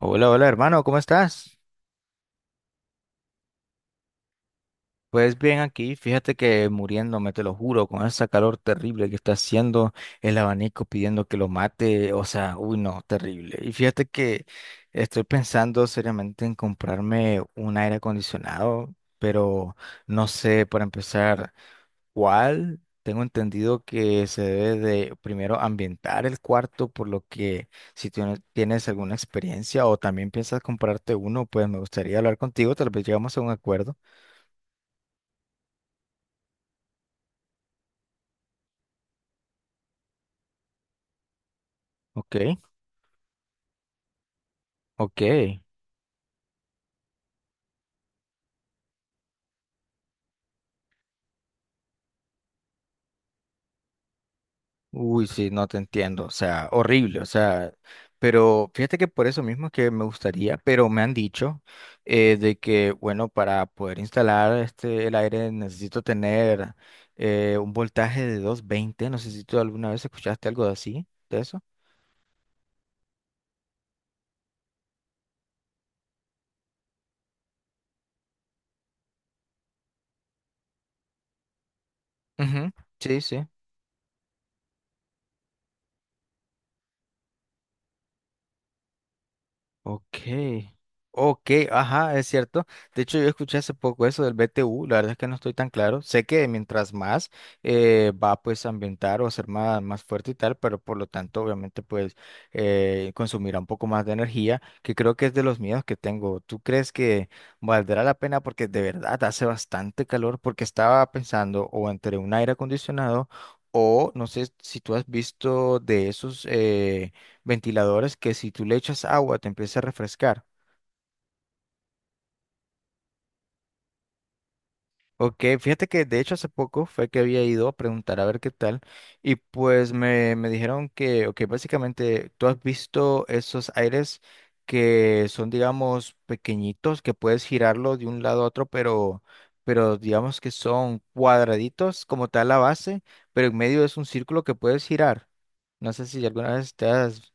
Hola, hola hermano, ¿cómo estás? Pues bien aquí, fíjate que muriéndome, te lo juro, con esa calor terrible que está haciendo el abanico pidiendo que lo mate, o sea, uy no, terrible. Y fíjate que estoy pensando seriamente en comprarme un aire acondicionado, pero no sé, para empezar. Cual tengo entendido que se debe de primero ambientar el cuarto, por lo que si tú no tienes alguna experiencia o también piensas comprarte uno, pues me gustaría hablar contigo, tal vez llegamos a un acuerdo. Ok, ok. Uy, sí, no te entiendo, o sea, horrible, o sea, pero fíjate que por eso mismo es que me gustaría, pero me han dicho de que, bueno, para poder instalar este, el aire necesito tener un voltaje de 220, no sé si tú alguna vez escuchaste algo de así, de eso. Ujú. Sí, sí. Ok, ok, ajá, es cierto. De hecho, yo escuché hace poco eso del BTU, la verdad es que no estoy tan claro. Sé que mientras más va pues a ambientar o a ser más fuerte y tal, pero por lo tanto, obviamente, pues consumirá un poco más de energía, que creo que es de los miedos que tengo. ¿Tú crees que valdrá la pena? Porque de verdad hace bastante calor, porque estaba pensando o entre un aire acondicionado o no sé si tú has visto de esos... ventiladores que si tú le echas agua te empieza a refrescar. Ok, fíjate que de hecho hace poco fue que había ido a preguntar a ver qué tal y pues me dijeron que, ok, básicamente tú has visto esos aires que son, digamos, pequeñitos, que puedes girarlo de un lado a otro, pero digamos que son cuadraditos como tal la base, pero en medio es un círculo que puedes girar. No sé si alguna vez te has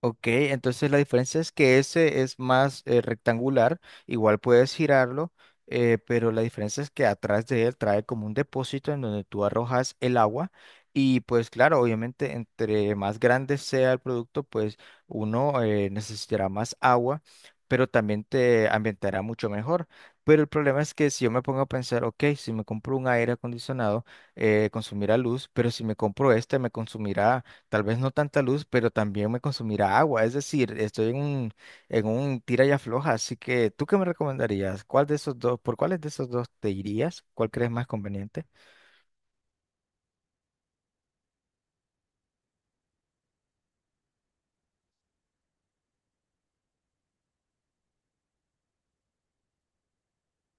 Ok, entonces la diferencia es que ese es más rectangular, igual puedes girarlo, pero la diferencia es que atrás de él trae como un depósito en donde tú arrojas el agua y pues claro, obviamente entre más grande sea el producto, pues uno necesitará más agua, pero también te ambientará mucho mejor. Pero el problema es que si yo me pongo a pensar, ok, si me compro un aire acondicionado, consumirá luz, pero si me compro este, me consumirá tal vez no tanta luz, pero también me consumirá agua. Es decir, estoy en en un tira y afloja. Así que, ¿tú qué me recomendarías? ¿Cuál de esos dos, por cuáles de esos dos te irías? ¿Cuál crees más conveniente?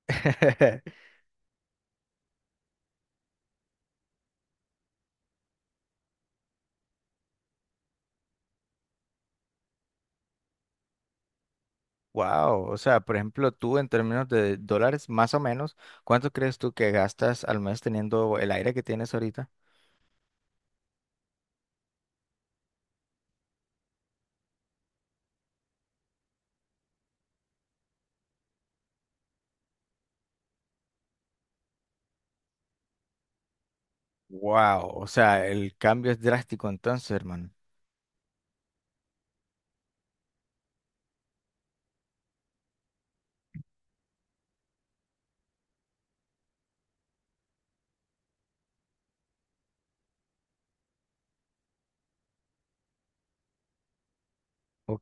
Wow. O sea, por ejemplo, tú en términos de dólares, más o menos, ¿cuánto crees tú que gastas al mes teniendo el aire que tienes ahorita? Wow. O sea, el cambio es drástico entonces, hermano. Ok.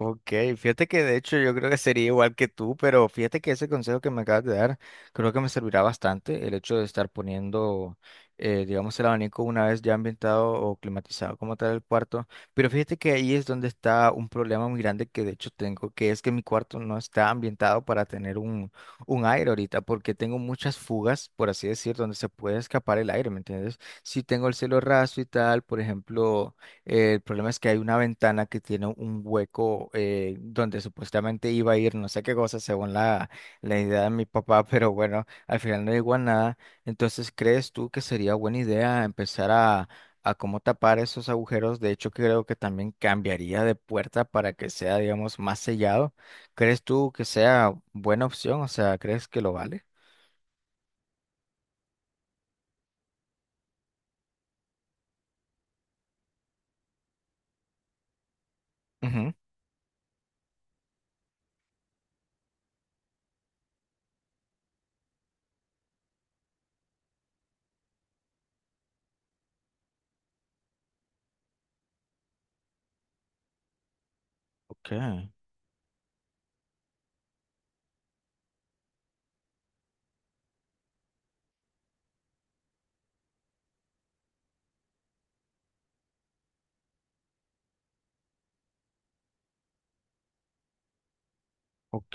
Ok, fíjate que de hecho yo creo que sería igual que tú, pero fíjate que ese consejo que me acabas de dar creo que me servirá bastante el hecho de estar poniendo, digamos, el abanico una vez ya ambientado o climatizado como tal el cuarto. Pero fíjate que ahí es donde está un problema muy grande que de hecho tengo, que es que mi cuarto no está ambientado para tener un aire ahorita, porque tengo muchas fugas, por así decir, donde se puede escapar el aire, ¿me entiendes? Si tengo el cielo raso y tal, por ejemplo. El problema es que hay una ventana que tiene un hueco donde supuestamente iba a ir no sé qué cosa según la idea de mi papá, pero bueno, al final no llegó a nada. Entonces, ¿crees tú que sería buena idea empezar a cómo tapar esos agujeros? De hecho, creo que también cambiaría de puerta para que sea, digamos, más sellado. ¿Crees tú que sea buena opción? O sea, ¿crees que lo vale? Ujú. Ok, ok.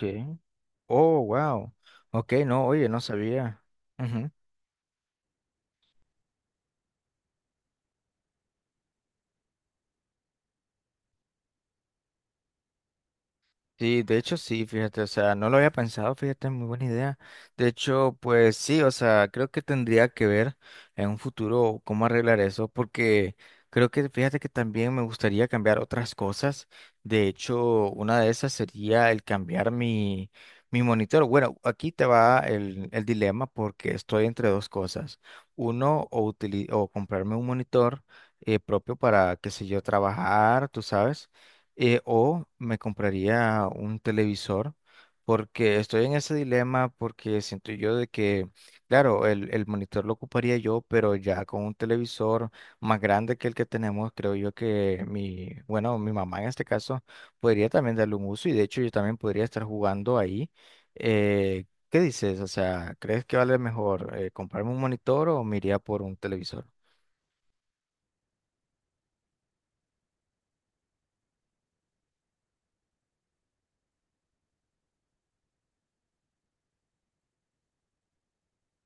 Oh, wow. Ok, no, oye, no sabía. Sí, de hecho sí, fíjate, o sea, no lo había pensado, fíjate, muy buena idea. De hecho, pues sí, o sea, creo que tendría que ver en un futuro cómo arreglar eso, porque creo que, fíjate que también me gustaría cambiar otras cosas. De hecho, una de esas sería el cambiar mi monitor. Bueno, aquí te va el dilema porque estoy entre dos cosas. Uno, o comprarme un monitor propio para, qué sé yo, trabajar, tú sabes o me compraría un televisor, porque estoy en ese dilema, porque siento yo de que, claro, el monitor lo ocuparía yo, pero ya con un televisor más grande que el que tenemos, creo yo que mi, bueno, mi mamá en este caso podría también darle un uso y de hecho yo también podría estar jugando ahí. ¿Qué dices? O sea, ¿crees que vale mejor comprarme un monitor o me iría por un televisor?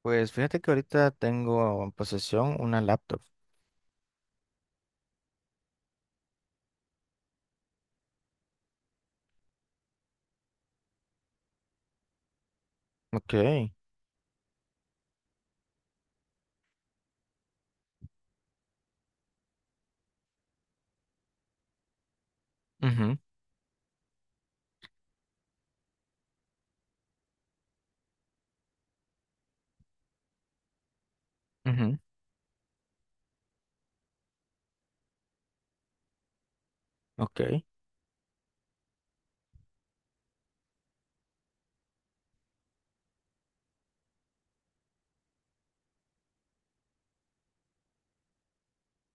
Pues fíjate que ahorita tengo en posesión una laptop. Ok. Ujú. Ujú. Ok.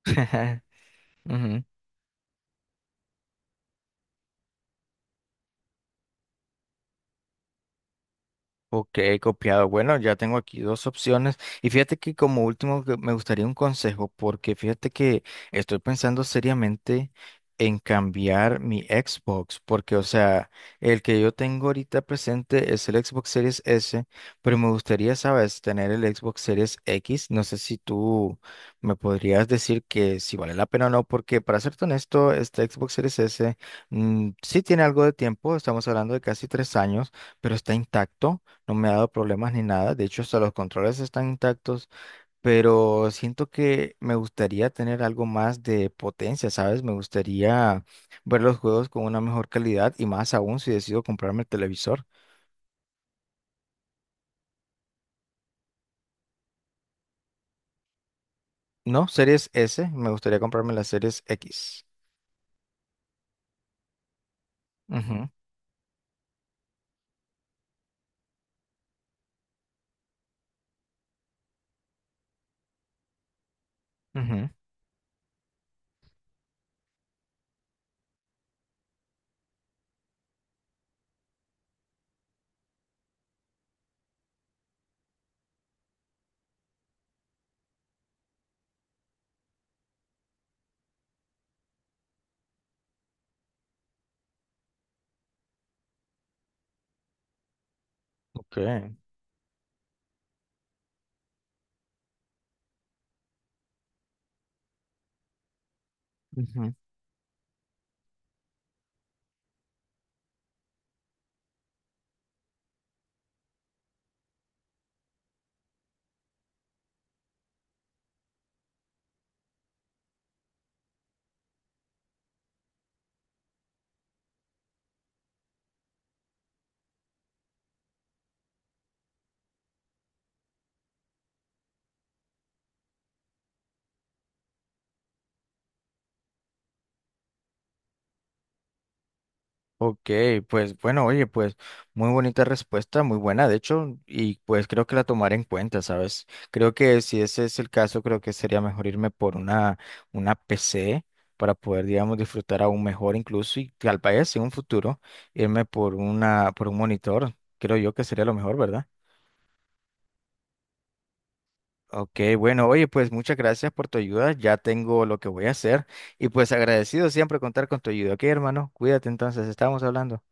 Ujú. Ok, copiado. Bueno, ya tengo aquí dos opciones. Y fíjate que como último que me gustaría un consejo, porque fíjate que estoy pensando seriamente en cambiar mi Xbox, porque o sea, el que yo tengo ahorita presente es el Xbox Series S, pero me gustaría, sabes, tener el Xbox Series X. No sé si tú me podrías decir que si vale la pena o no, porque para serte honesto, este Xbox Series S sí tiene algo de tiempo, estamos hablando de casi 3 años, pero está intacto, no me ha dado problemas ni nada. De hecho, hasta los controles están intactos, pero siento que me gustaría tener algo más de potencia, ¿sabes? Me gustaría ver los juegos con una mejor calidad y más aún si decido comprarme el televisor. No, series S, me gustaría comprarme las series X. Ujú, ujú. Ok. Ujú. Ok, pues bueno, oye, pues muy bonita respuesta, muy buena, de hecho, y pues creo que la tomaré en cuenta, ¿sabes? Creo que si ese es el caso, creo que sería mejor irme por una PC para poder, digamos, disfrutar aún mejor incluso y tal vez en un futuro irme por por un monitor, creo yo que sería lo mejor, ¿verdad? Ok, bueno, oye, pues muchas gracias por tu ayuda, ya tengo lo que voy a hacer y pues agradecido siempre contar con tu ayuda, ok, hermano, cuídate entonces, estamos hablando.